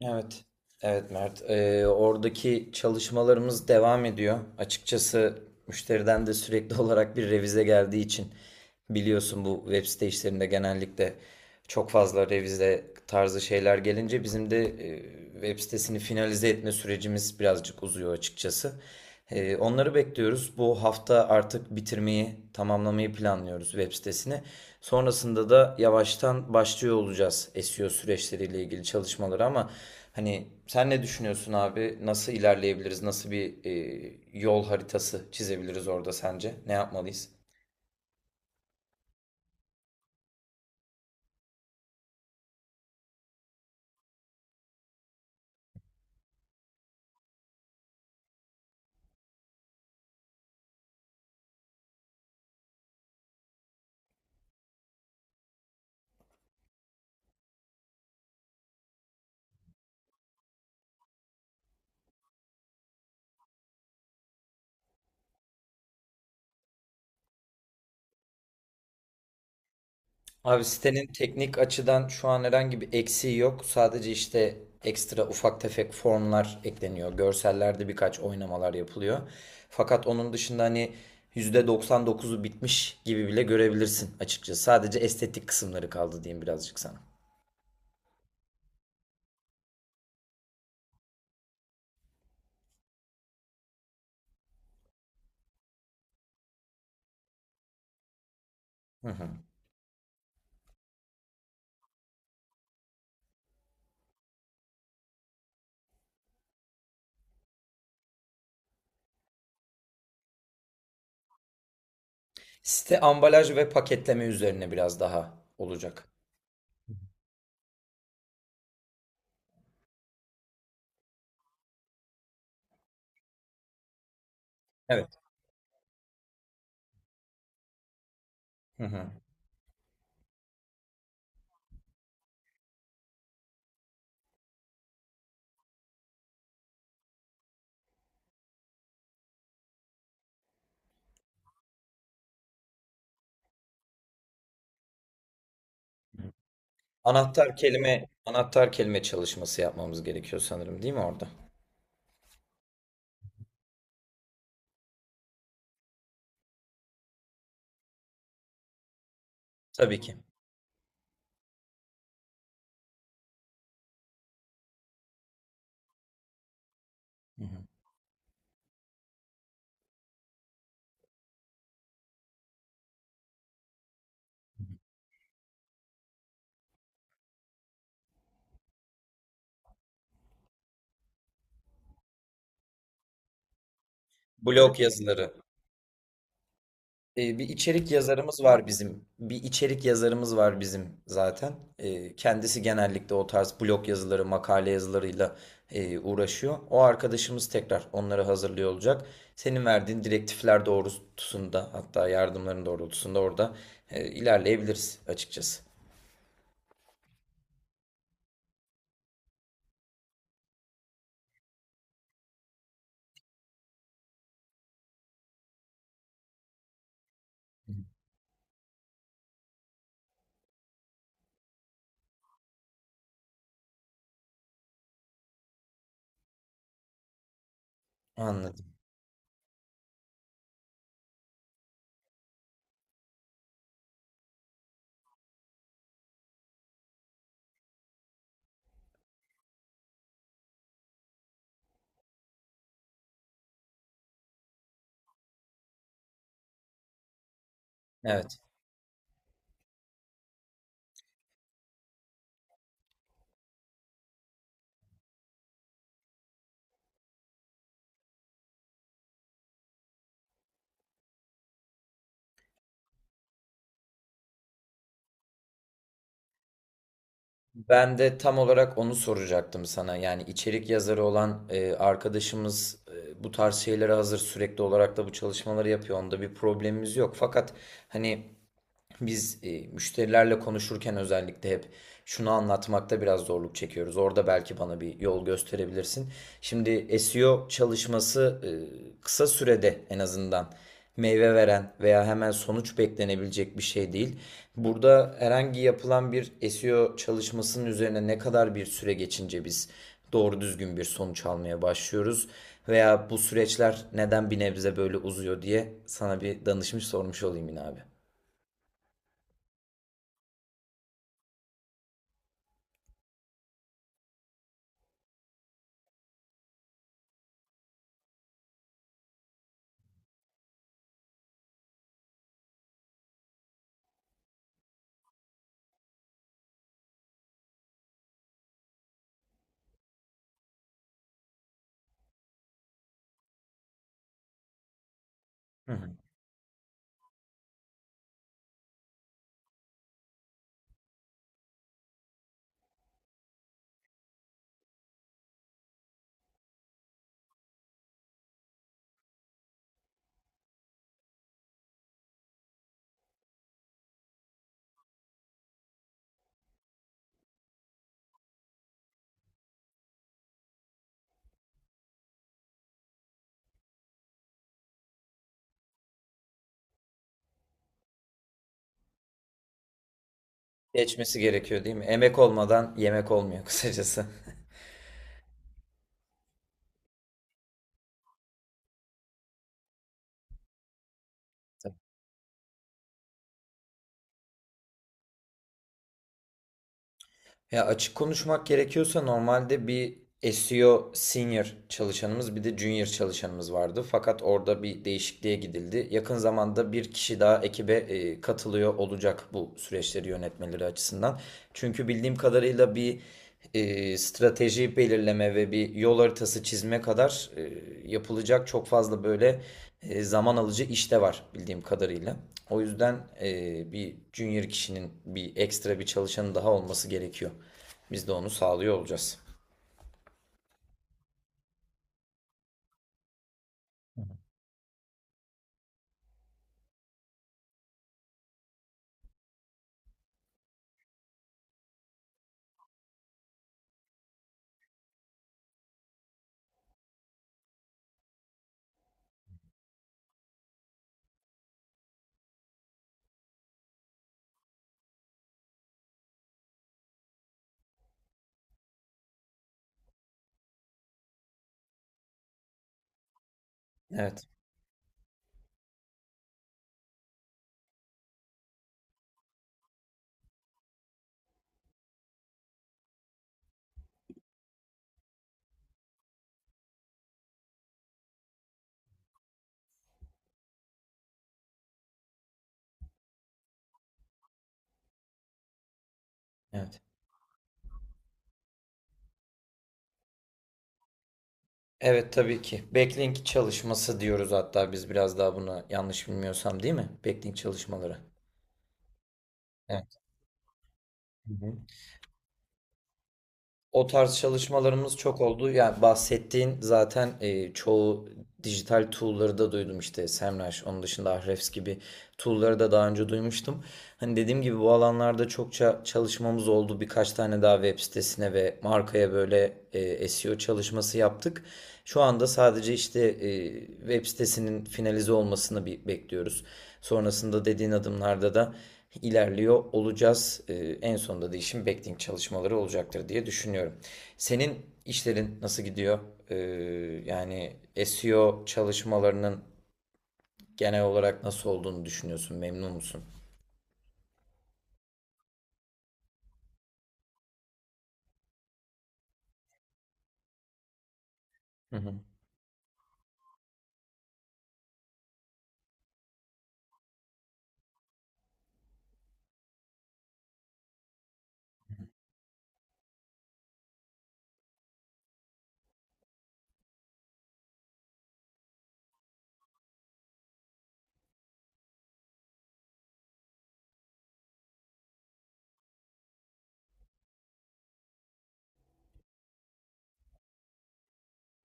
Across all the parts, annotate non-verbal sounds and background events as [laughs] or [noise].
Evet. Evet Mert. Oradaki çalışmalarımız devam ediyor. Açıkçası müşteriden de sürekli [laughs] olarak bir revize geldiği için biliyorsun bu web site işlerinde genellikle çok fazla revize tarzı şeyler gelince bizim de web sitesini finalize etme sürecimiz birazcık uzuyor açıkçası. Onları bekliyoruz. Bu hafta artık bitirmeyi, tamamlamayı planlıyoruz web sitesini. Sonrasında da yavaştan başlıyor olacağız SEO süreçleriyle ilgili çalışmaları ama hani sen ne düşünüyorsun abi? Nasıl ilerleyebiliriz? Nasıl bir yol haritası çizebiliriz orada sence? Ne yapmalıyız? Abi sitenin teknik açıdan şu an herhangi bir eksiği yok. Sadece işte ekstra ufak tefek formlar ekleniyor. Görsellerde birkaç oynamalar yapılıyor. Fakat onun dışında hani %99'u bitmiş gibi bile görebilirsin açıkçası. Sadece estetik kısımları kaldı diyeyim birazcık sana. Hı hı. Site ambalaj ve paketleme üzerine biraz daha olacak. Evet. Hı hı. Anahtar kelime, anahtar kelime çalışması yapmamız gerekiyor sanırım, değil mi orada? Tabii ki. Hı hı. Blog yazıları. Bir içerik yazarımız var bizim. Bir içerik yazarımız var bizim zaten. Kendisi genellikle o tarz blog yazıları, makale yazılarıyla uğraşıyor. O arkadaşımız tekrar onları hazırlıyor olacak. Senin verdiğin direktifler doğrultusunda hatta yardımların doğrultusunda orada ilerleyebiliriz açıkçası. Anladım. Evet. Ben de tam olarak onu soracaktım sana. Yani içerik yazarı olan arkadaşımız bu tarz şeylere hazır sürekli olarak da bu çalışmaları yapıyor. Onda bir problemimiz yok. Fakat hani biz müşterilerle konuşurken özellikle hep şunu anlatmakta biraz zorluk çekiyoruz. Orada belki bana bir yol gösterebilirsin. Şimdi SEO çalışması kısa sürede en azından meyve veren veya hemen sonuç beklenebilecek bir şey değil. Burada herhangi yapılan bir SEO çalışmasının üzerine ne kadar bir süre geçince biz doğru düzgün bir sonuç almaya başlıyoruz veya bu süreçler neden bir nebze böyle uzuyor diye sana bir danışmış sormuş olayım yine abi. Hı hı. Geçmesi gerekiyor değil mi? Emek olmadan yemek olmuyor [laughs] kısacası. Ya açık konuşmak gerekiyorsa normalde bir SEO senior çalışanımız bir de junior çalışanımız vardı. Fakat orada bir değişikliğe gidildi. Yakın zamanda bir kişi daha ekibe katılıyor olacak bu süreçleri yönetmeleri açısından. Çünkü bildiğim kadarıyla bir strateji belirleme ve bir yol haritası çizme kadar yapılacak çok fazla böyle zaman alıcı iş de var bildiğim kadarıyla. O yüzden bir junior kişinin bir ekstra bir çalışanı daha olması gerekiyor. Biz de onu sağlıyor olacağız. Evet, evet. Evet tabii ki. Backlink çalışması diyoruz hatta biz biraz daha buna yanlış bilmiyorsam değil mi? Backlink çalışmaları. Evet. Hı hı. O tarz çalışmalarımız çok oldu. Yani bahsettiğin zaten çoğu dijital tool'ları da duydum işte Semrush, onun dışında Ahrefs gibi tool'ları da daha önce duymuştum. Hani dediğim gibi bu alanlarda çokça çalışmamız oldu. Birkaç tane daha web sitesine ve markaya böyle SEO çalışması yaptık. Şu anda sadece işte web sitesinin finalize olmasını bir bekliyoruz. Sonrasında dediğin adımlarda da ilerliyor olacağız. En sonunda da işin backlink çalışmaları olacaktır diye düşünüyorum. Senin işlerin nasıl gidiyor? Ee, yani SEO çalışmalarının genel olarak nasıl olduğunu düşünüyorsun? Memnun musun? Hı hı.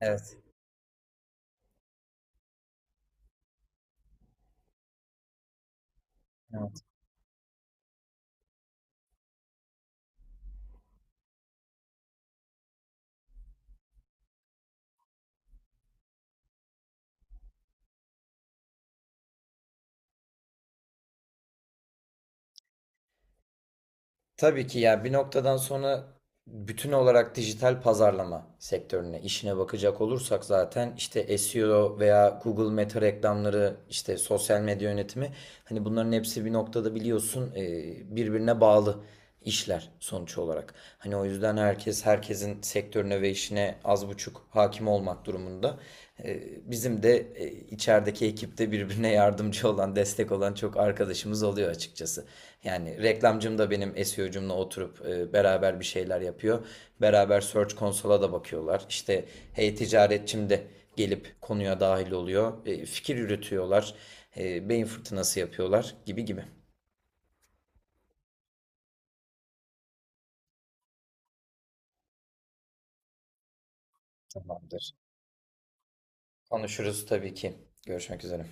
Evet. Evet. Tabii ki yani bir noktadan sonra bütün olarak dijital pazarlama sektörüne işine bakacak olursak zaten işte SEO veya Google Meta reklamları işte sosyal medya yönetimi hani bunların hepsi bir noktada biliyorsun birbirine bağlı işler sonuç olarak. Hani o yüzden herkes herkesin sektörüne ve işine az buçuk hakim olmak durumunda. Bizim de içerideki ekipte birbirine yardımcı olan, destek olan çok arkadaşımız oluyor açıkçası. Yani reklamcım da benim SEO'cumla oturup beraber bir şeyler yapıyor. Beraber Search Console'a da bakıyorlar. İşte hey ticaretçim de gelip konuya dahil oluyor. Fikir üretiyorlar. Beyin fırtınası yapıyorlar gibi gibi. Tamamdır. Konuşuruz tabii ki. Görüşmek üzere.